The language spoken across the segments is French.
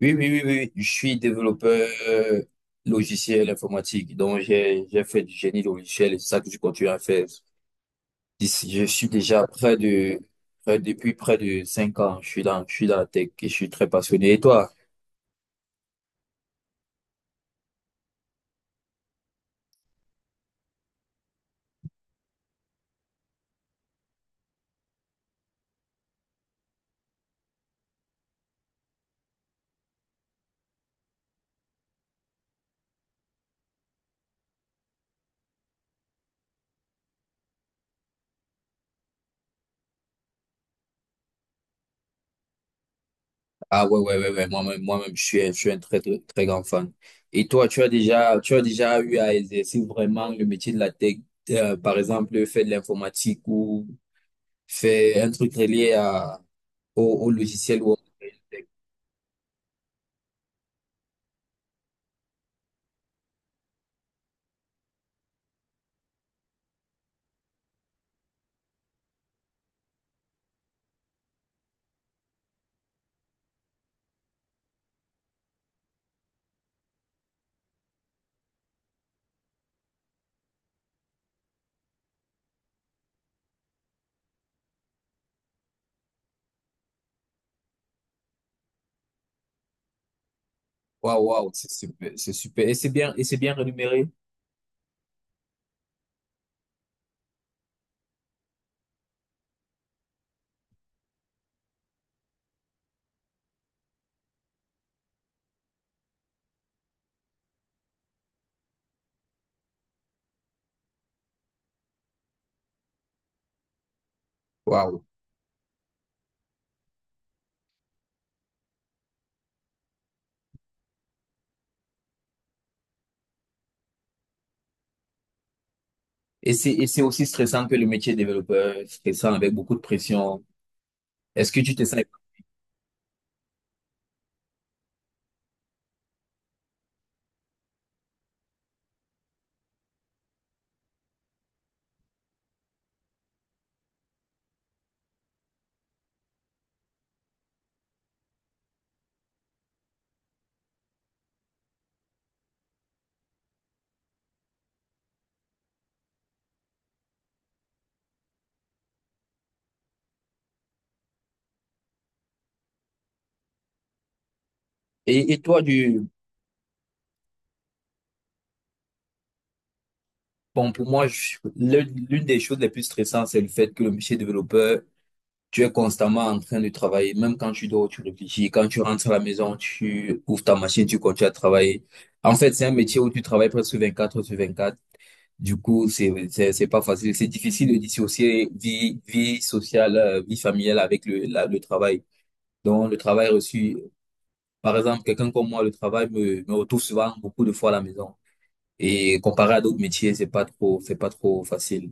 Oui, oui, oui, oui, oui. Je suis développeur logiciel informatique, donc j'ai fait du génie logiciel et c'est ça que je continue à faire. Je suis déjà depuis près de 5 ans, je suis dans la tech et je suis très passionné. Et toi? Ah ouais, ouais, ouais, ouais. Moi-même, moi-même, je suis un très, très, très grand fan. Et toi, tu as déjà eu à exercer vraiment le métier de la tech, par exemple, faire de l'informatique ou faire un truc relié au logiciel ou autre. Waouh, waouh, c'est super, c'est super. Et c'est bien rémunéré. Waouh. Et c'est aussi stressant que le métier de développeur, stressant avec beaucoup de pression. Est-ce que tu te sens? Et toi, bon, pour moi, l'une des choses les plus stressantes, c'est le fait que le métier de développeur, tu es constamment en train de travailler. Même quand tu dors, tu réfléchis. Quand tu rentres à la maison, tu ouvres ta machine, tu continues à travailler. En fait, c'est un métier où tu travailles presque 24 heures sur 24. Du coup, c'est pas facile. C'est difficile de dissocier vie sociale, vie familiale avec le travail. Donc, le travail reçu, par exemple, quelqu'un comme moi, le travail me retrouve souvent beaucoup de fois à la maison. Et comparé à d'autres métiers, c'est pas trop facile.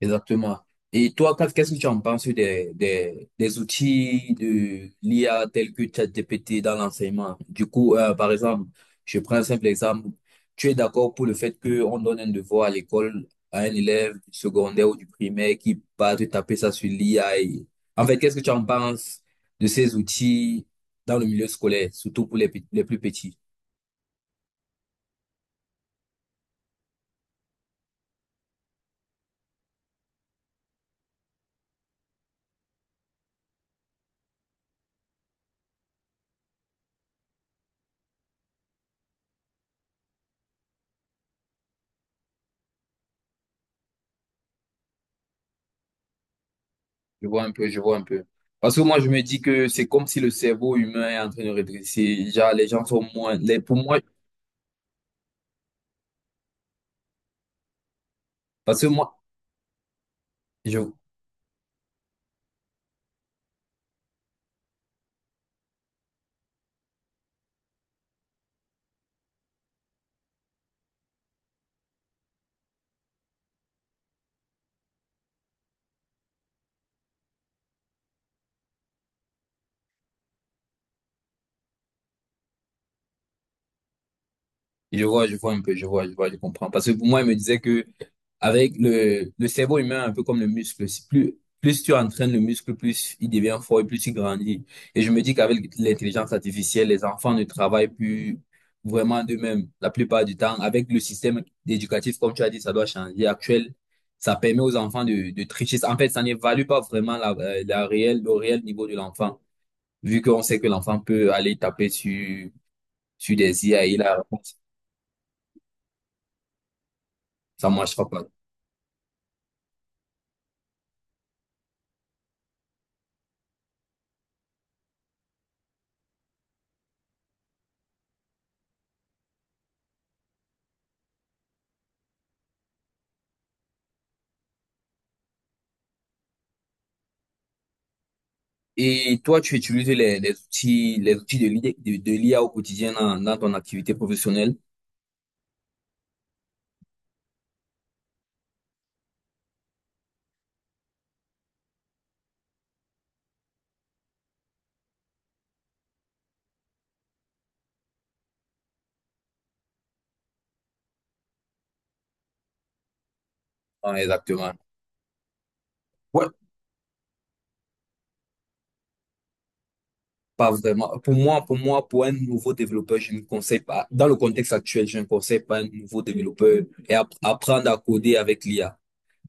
Exactement. Et toi, qu'est-ce que tu en penses des outils de l'IA tels que ChatGPT dans l'enseignement? Du coup, par exemple, je prends un simple exemple. Tu es d'accord pour le fait qu'on donne un devoir à l'école à un élève du secondaire ou du primaire qui va te taper ça sur l'IA . En fait, qu'est-ce que tu en penses de ces outils dans le milieu scolaire, surtout pour les plus petits? Je vois un peu, je vois un peu. Parce que moi, je me dis que c'est comme si le cerveau humain est en train de rétrécir. Genre, les gens sont moins. Les, pour moi, parce que moi, je, je vois un peu, je vois, je vois, je comprends. Parce que pour moi, il me disait que avec le cerveau humain, un peu comme le muscle, si plus, plus tu entraînes le muscle, plus il devient fort et plus il grandit. Et je me dis qu'avec l'intelligence artificielle, les enfants ne travaillent plus vraiment d'eux-mêmes la plupart du temps. Avec le système éducatif, comme tu as dit, ça doit changer. Actuel, ça permet aux enfants de tricher. En fait, ça n'évalue pas vraiment le réel niveau de l'enfant, vu qu'on sait que l'enfant peut aller taper sur des IA et la réponse, ça ne marchera pas. Et toi, tu utilises les outils de l'IA, de l'IA au quotidien dans ton activité professionnelle? Ah, exactement. Ouais, pas vraiment. Pour moi, pour moi, pour un nouveau développeur, je ne conseille pas, dans le contexte actuel, je ne conseille pas un nouveau développeur apprendre à coder avec l'IA.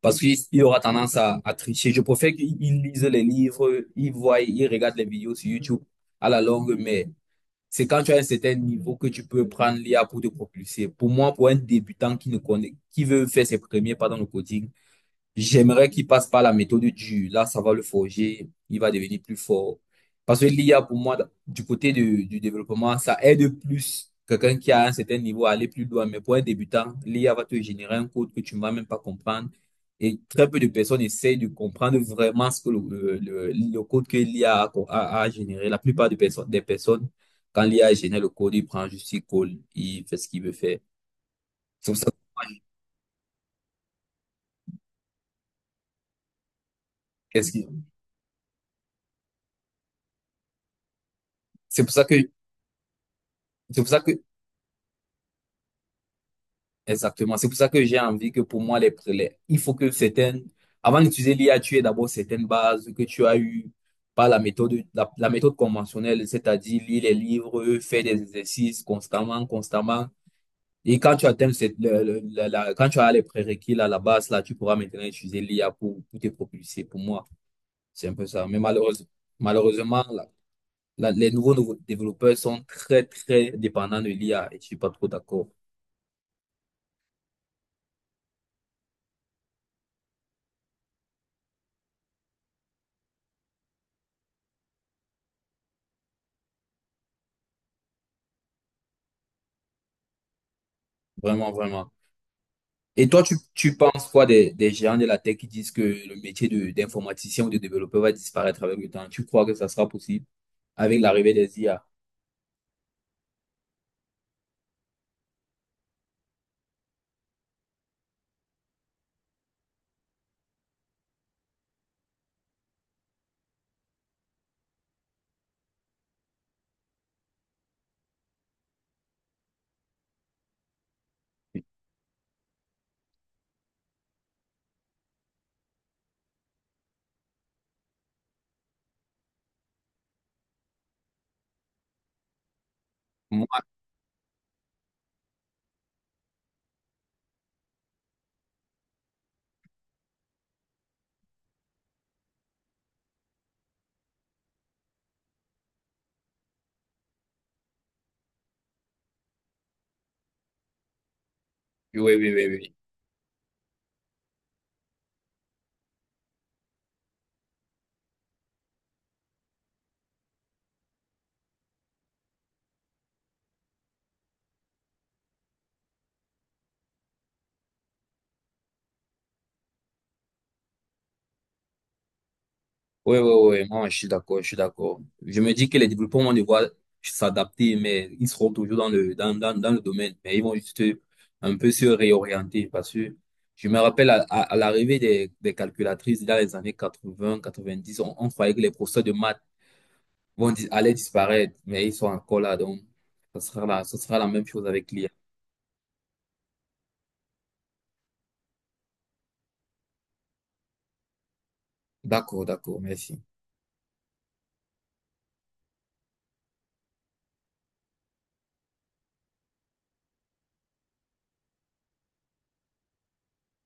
Parce qu'il il aura tendance à tricher. Je préfère qu'il il lise les livres, il regarde les vidéos sur YouTube à la longue, mais c'est quand tu as un certain niveau que tu peux prendre l'IA pour te propulser. Pour moi, pour un débutant qui ne connaît, qui veut faire ses premiers pas dans le coding. J'aimerais qu'il passe par la méthode, ça va le forger, il va devenir plus fort. Parce que l'IA, pour moi, du côté du développement, ça aide plus quelqu'un qui a un certain niveau à aller plus loin. Mais pour un débutant, l'IA va te générer un code que tu ne vas même pas comprendre. Et très peu de personnes essayent de comprendre vraiment ce que le code que l'IA a généré. La plupart des personnes, quand l'IA génère le code, il prend juste il colle, il fait ce qu'il veut faire. C'est pour ça que, qu'est-ce qu'il- c'est pour ça que, c'est pour ça que Exactement. C'est pour ça que j'ai envie que pour moi, les, prélèvements, il faut que certaines, avant d'utiliser l'IA, tu aies d'abord certaines bases que tu as eues par la méthode, la méthode conventionnelle, c'est-à-dire lire les livres, faire des exercices constamment, constamment. Et quand tu atteins cette, Quand tu as les prérequis à la base, là, tu pourras maintenant utiliser l'IA pour te propulser. Pour moi, c'est un peu ça. Mais malheureusement, malheureusement, les nouveaux développeurs sont très, très dépendants de l'IA et je suis pas trop d'accord. Vraiment, vraiment. Et toi, tu penses quoi des géants de la tech qui disent que le métier d'informaticien ou de développeur va disparaître avec le temps? Tu crois que ça sera possible avec l'arrivée des IA? Moi, oui, oui, oui, oui. Oui, oui, oui, moi, je suis d'accord, je suis d'accord. Je me dis que les développeurs vont devoir s'adapter, mais ils seront toujours dans le domaine. Mais ils vont juste un peu se réorienter parce que je me rappelle à l'arrivée des calculatrices dans les années 80, 90, on croyait que les professeurs de maths allaient disparaître, mais ils sont encore là. Donc, ce sera la même chose avec l'IA. D'accord, d'accord, merci.